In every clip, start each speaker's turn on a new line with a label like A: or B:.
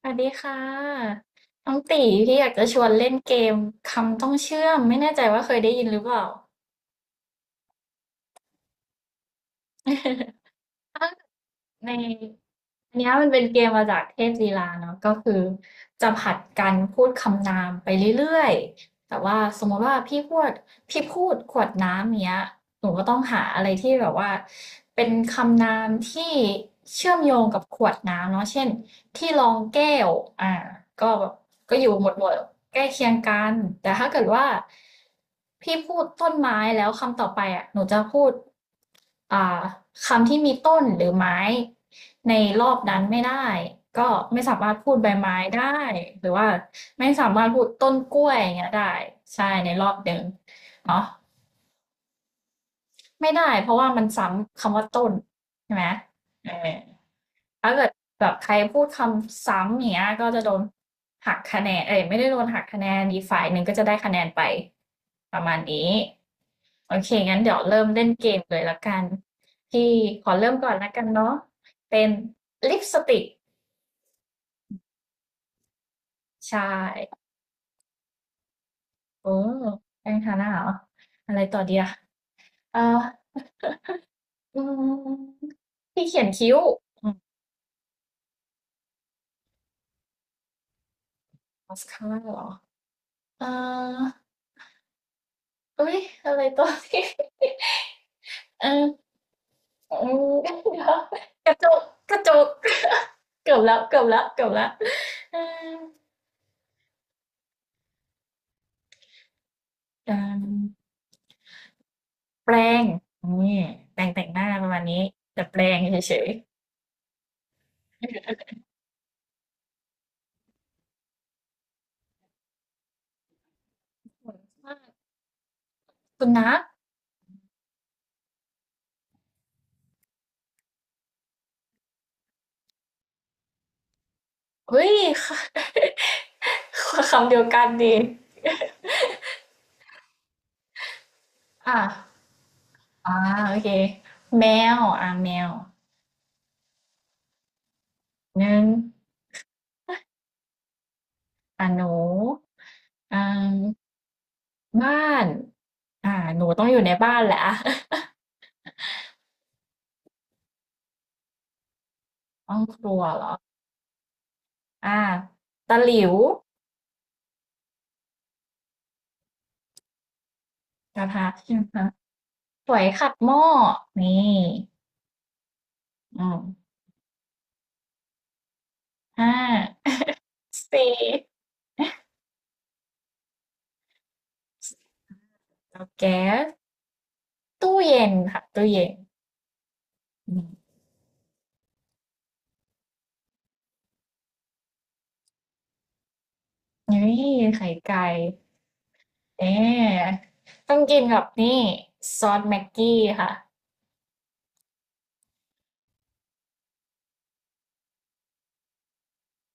A: สวัสดีค่ะน้องตีพี่อยากจะชวนเล่นเกมคำต้องเชื่อมไม่แน่ใจว่าเคยได้ยินหรือเปล่า ใน อันเนี้ยมันเป็นเกมมาจากเทพลีลาเนาะก็คือจะผลัดกันพูดคำนามไปเรื่อยๆแต่ว่าสมมติว่าพี่พูดขวดน้ำเนี้ยหนูก็ต้องหาอะไรที่แบบว่าเป็นคำนามที่เชื่อมโยงกับขวดน้ำเนาะเช่นที่รองแก้วอ่าก็แบบก็อยู่หมวดใกล้เคียงกันแต่ถ้าเกิดว่าพี่พูดต้นไม้แล้วคำต่อไปอ่ะหนูจะพูด อ่าคำที่มีต้นหรือไม้ในรอบนั้นไม่ได้ก็ไม่สามารถพูดใบไม้ได้หรือว่าไม่สามารถพูดต้นกล้วยอย่างเงี้ยได้ใช่ในรอบหนึ่งเนาะไม่ได้เพราะว่ามันซ้ำคำว่าต้นใช่ไหมเออถ้าเกิดแบบใครพูดคำซ้ำอย่างเงี้ยก็จะโดนหักคะแนนเอ้ยไม่ได้โดนหักคะแนนอีกฝ่ายหนึ่งก็จะได้คะแนนไปประมาณนี้ โอเคงั้นเดี๋ยวเริ่มเล่นเกมเลยละกันพี่ขอเริ่มก่อนละกันเนาะเป็นลิปสติกใช่โอ้แป้งทาหน้าเหรออะไรต่อดีอะเอ่ออืมพี่เขียนคิ้วอืมมาสคาร่าเหรอเอ่อเอ้ยอะไรต่อดีเอออืมเดี๋ยวกระจกกระจก เกือบแล้วเกือบแล้วเกือบแล้วเออ แปรงนี่แปรงแต่งหน้าประมาณนี้แต่แปรงเฉยๆสุนัขเฮ้ย คำเดียวกันดีอ่ะอ่าโอเคแมวอ่าแมวหนึ่งอ่าหนูอ่าบ้านอ่าหนูต้องอยู่ในบ้านแหละ อ่ะ ต้องครัวเหรออ่าตะหลิวกระทะ ใช่ไหมคะสวยขัดหม้อนี่อืมห้าสี่เตาแก๊ส ตู้เย็นค่ะตู้เย็นอืมนี่ไข่ไก่เอ๊ะต้องกินกับนี่ซอสแม็กกี้ค่ะ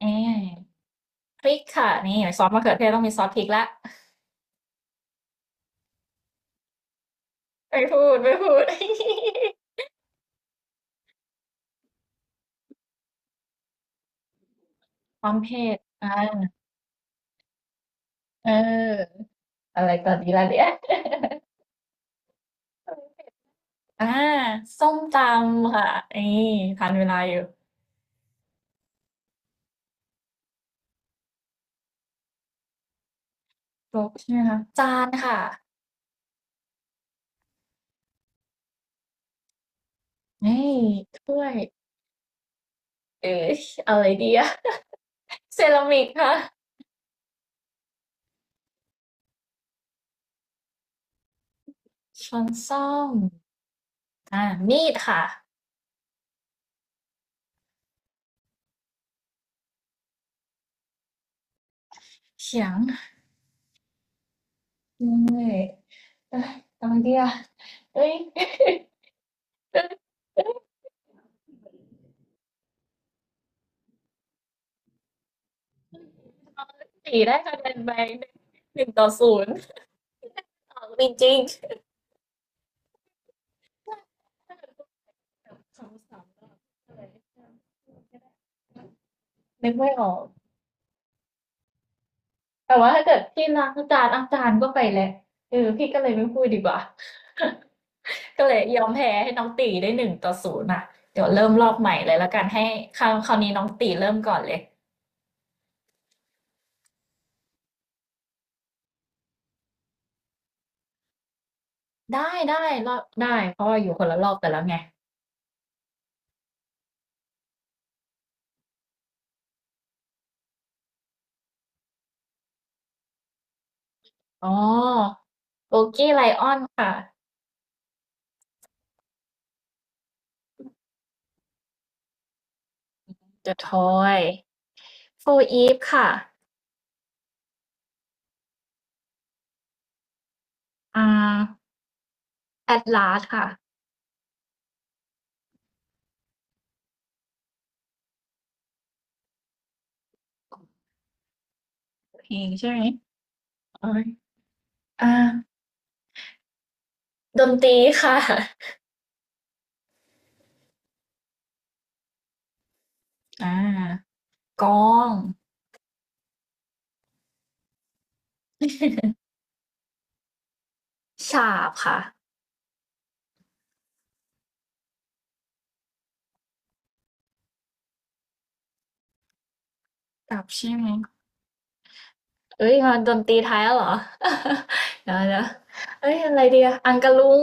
A: เอ๊ะพริกค่ะนี่ซอสมะเขือเทศต้องมีซอสพริกละไม่พูด ความเผ็ดอ่าเอออะไรตอนนี้ล่ะเนี่ย อ่าส้มตำค่ะนี่ทานเวลาอยู่ครบใช่ไหมคะจานค่ะนี่ถ้วยเอ๊ะอะไรดีอะ เซรามิกค่ะ ช้อนส้อมอ่ามีดค่ะเขียงเลยเอ้ยทำไมดีอ่ะเอ้ยเอ้ยเอ้ยสี่ได้คะแนนไปหนึ่งต่อศูนย์ออจริงๆถ้าเป็นพวกแบบคำศัพท์ก็เลยนึกไม่ออก แต่ว่าถ้าเกิดพี่ล้างจานอาจารย์ก็ไปแหละเออพี่ก็เลยไม่พูดดีกว่า ก็เลยยอมแพ้ให้น้องตีได้หนึ่งต่อศูนย์อ่ะเดี๋ยวเริ่มรอบใหม่เลยแล้วกันให้คราวนี้น้องตีเริ่มก่อนเลยได้รอบได้เพราะว่าอยู่คนละรอบกันแล้วไงอ๋อโบกี้ไลออนค่ะ The Toy โฟูอีฟค่ะอ่า a อด a s สค่ะเพลงใช่ไหมเอ้ยอ่าดนตรีค่ะอ่ากลองฉาบค่ะ กลับใช่ไหมเอ้ยมาดนตรีไทยแล้วเหรอ เดี๋ยวนะเอ้ยอะไรเดียอังกะลุง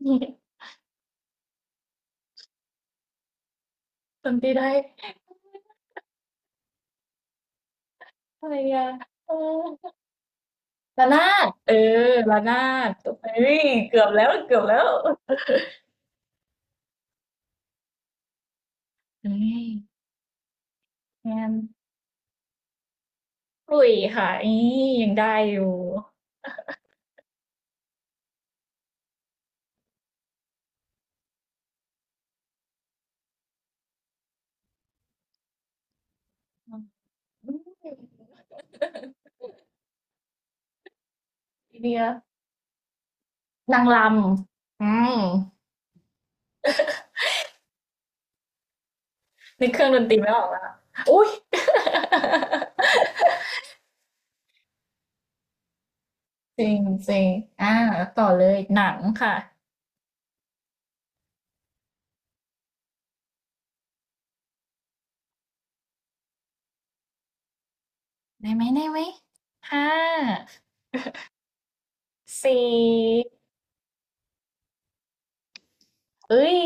A: ดนตรีไทยอะไรเดียเออระนาดเออระนาดเฮ้ยเกือบแล้วเกือบแล้วเฮ้ยงานปลุยค่ะอียังได้อยู่อืมไอเดียนางรำอืมนึกเครื่องดนตรีไม่ออกแล้วอุ้ย จริงจริงอ่าต่อเลยหนังค่ะ ได้ไหมห้าสี่เอ้ย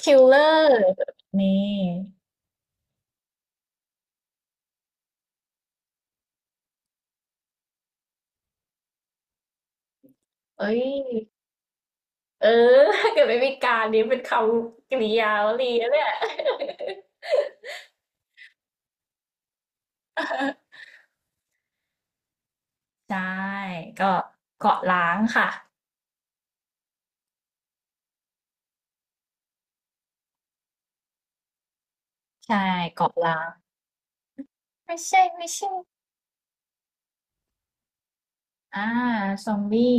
A: คิลเลอร์นี่เอ้ยเออถ้าเกิดไม่มีการนี้เป็นคำกริยาวลีนะเนี่ย ใช่ก็เกาะล้างค่ะใช่เกาะล้างไม่ใช่อ่าซอมบี้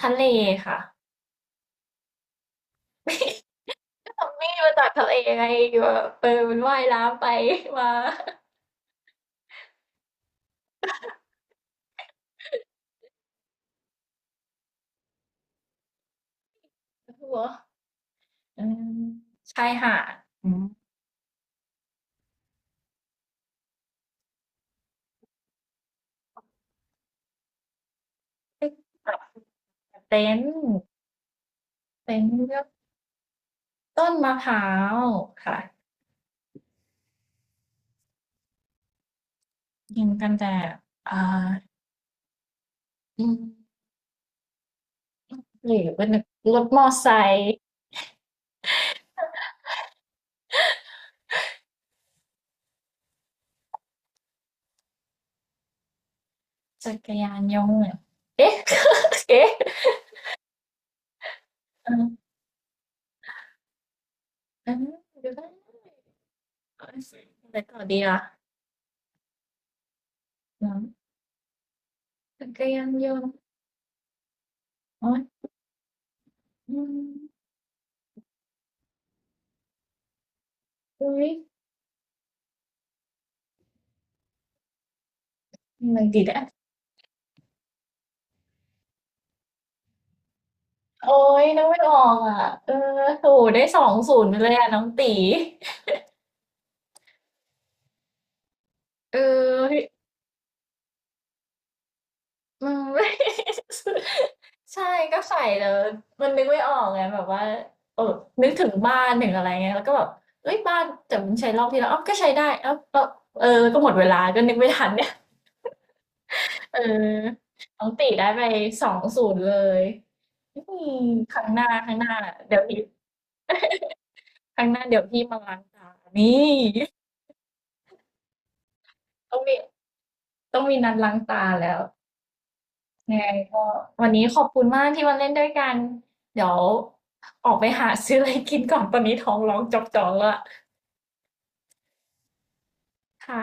A: ทะเลค่ะก็ซอมบี้มาจากทะเลไงอยู่แบบเออมันว่ายน้ำไปมาหัว อืมชายหาดอืมที่แบบเต็นท์เต็นท์เลือกต้นมะพร้าวค่ะกิงกันแต่อ่าอืมหรือเป็นรถมอไซค์จักรยานยนต์เอ๊ะ เอ๊ะเออเออดูได้อะไรต่อดีล่ะน้ำจักรยานยนต์โอ๊ยอืมอุ้ยอะไรดีนะโอ๊ยนองไม่ออกอ่ะเออโหได้สองศูนย์ไปเลยอ่ะน้องตีเออ อืม ไม่ใช่ก็ใส่แล้วมันนึกไม่ออกไงแบบว่าเออนึกถึงบ้านถึงอะไรเงี้ยแล้วก็แบบเฮ้ยบ้านแต่มันใช้รอบที่แล้วอ้าวก็ใช้ได้อ้าวก็เออก็หมดเวลาก็นึกไม่ทันเนี่ยเออน้องติได้ไป2-0เลยอืมครั้งหน้าครั้งหน้าเดี๋ยวพี่ครั้งหน้าเดี๋ยวพี่มาล้างตานี่ต้องมีต้องมีนัดล้างตาแล้ว ยังไงก็วันนี้ขอบคุณมากที่มาเล่นด้วยกันเดี๋ยวออกไปหาซื้ออะไรกินก่อนตอนนี้ท้องร้องจอกๆแล้วค่ะ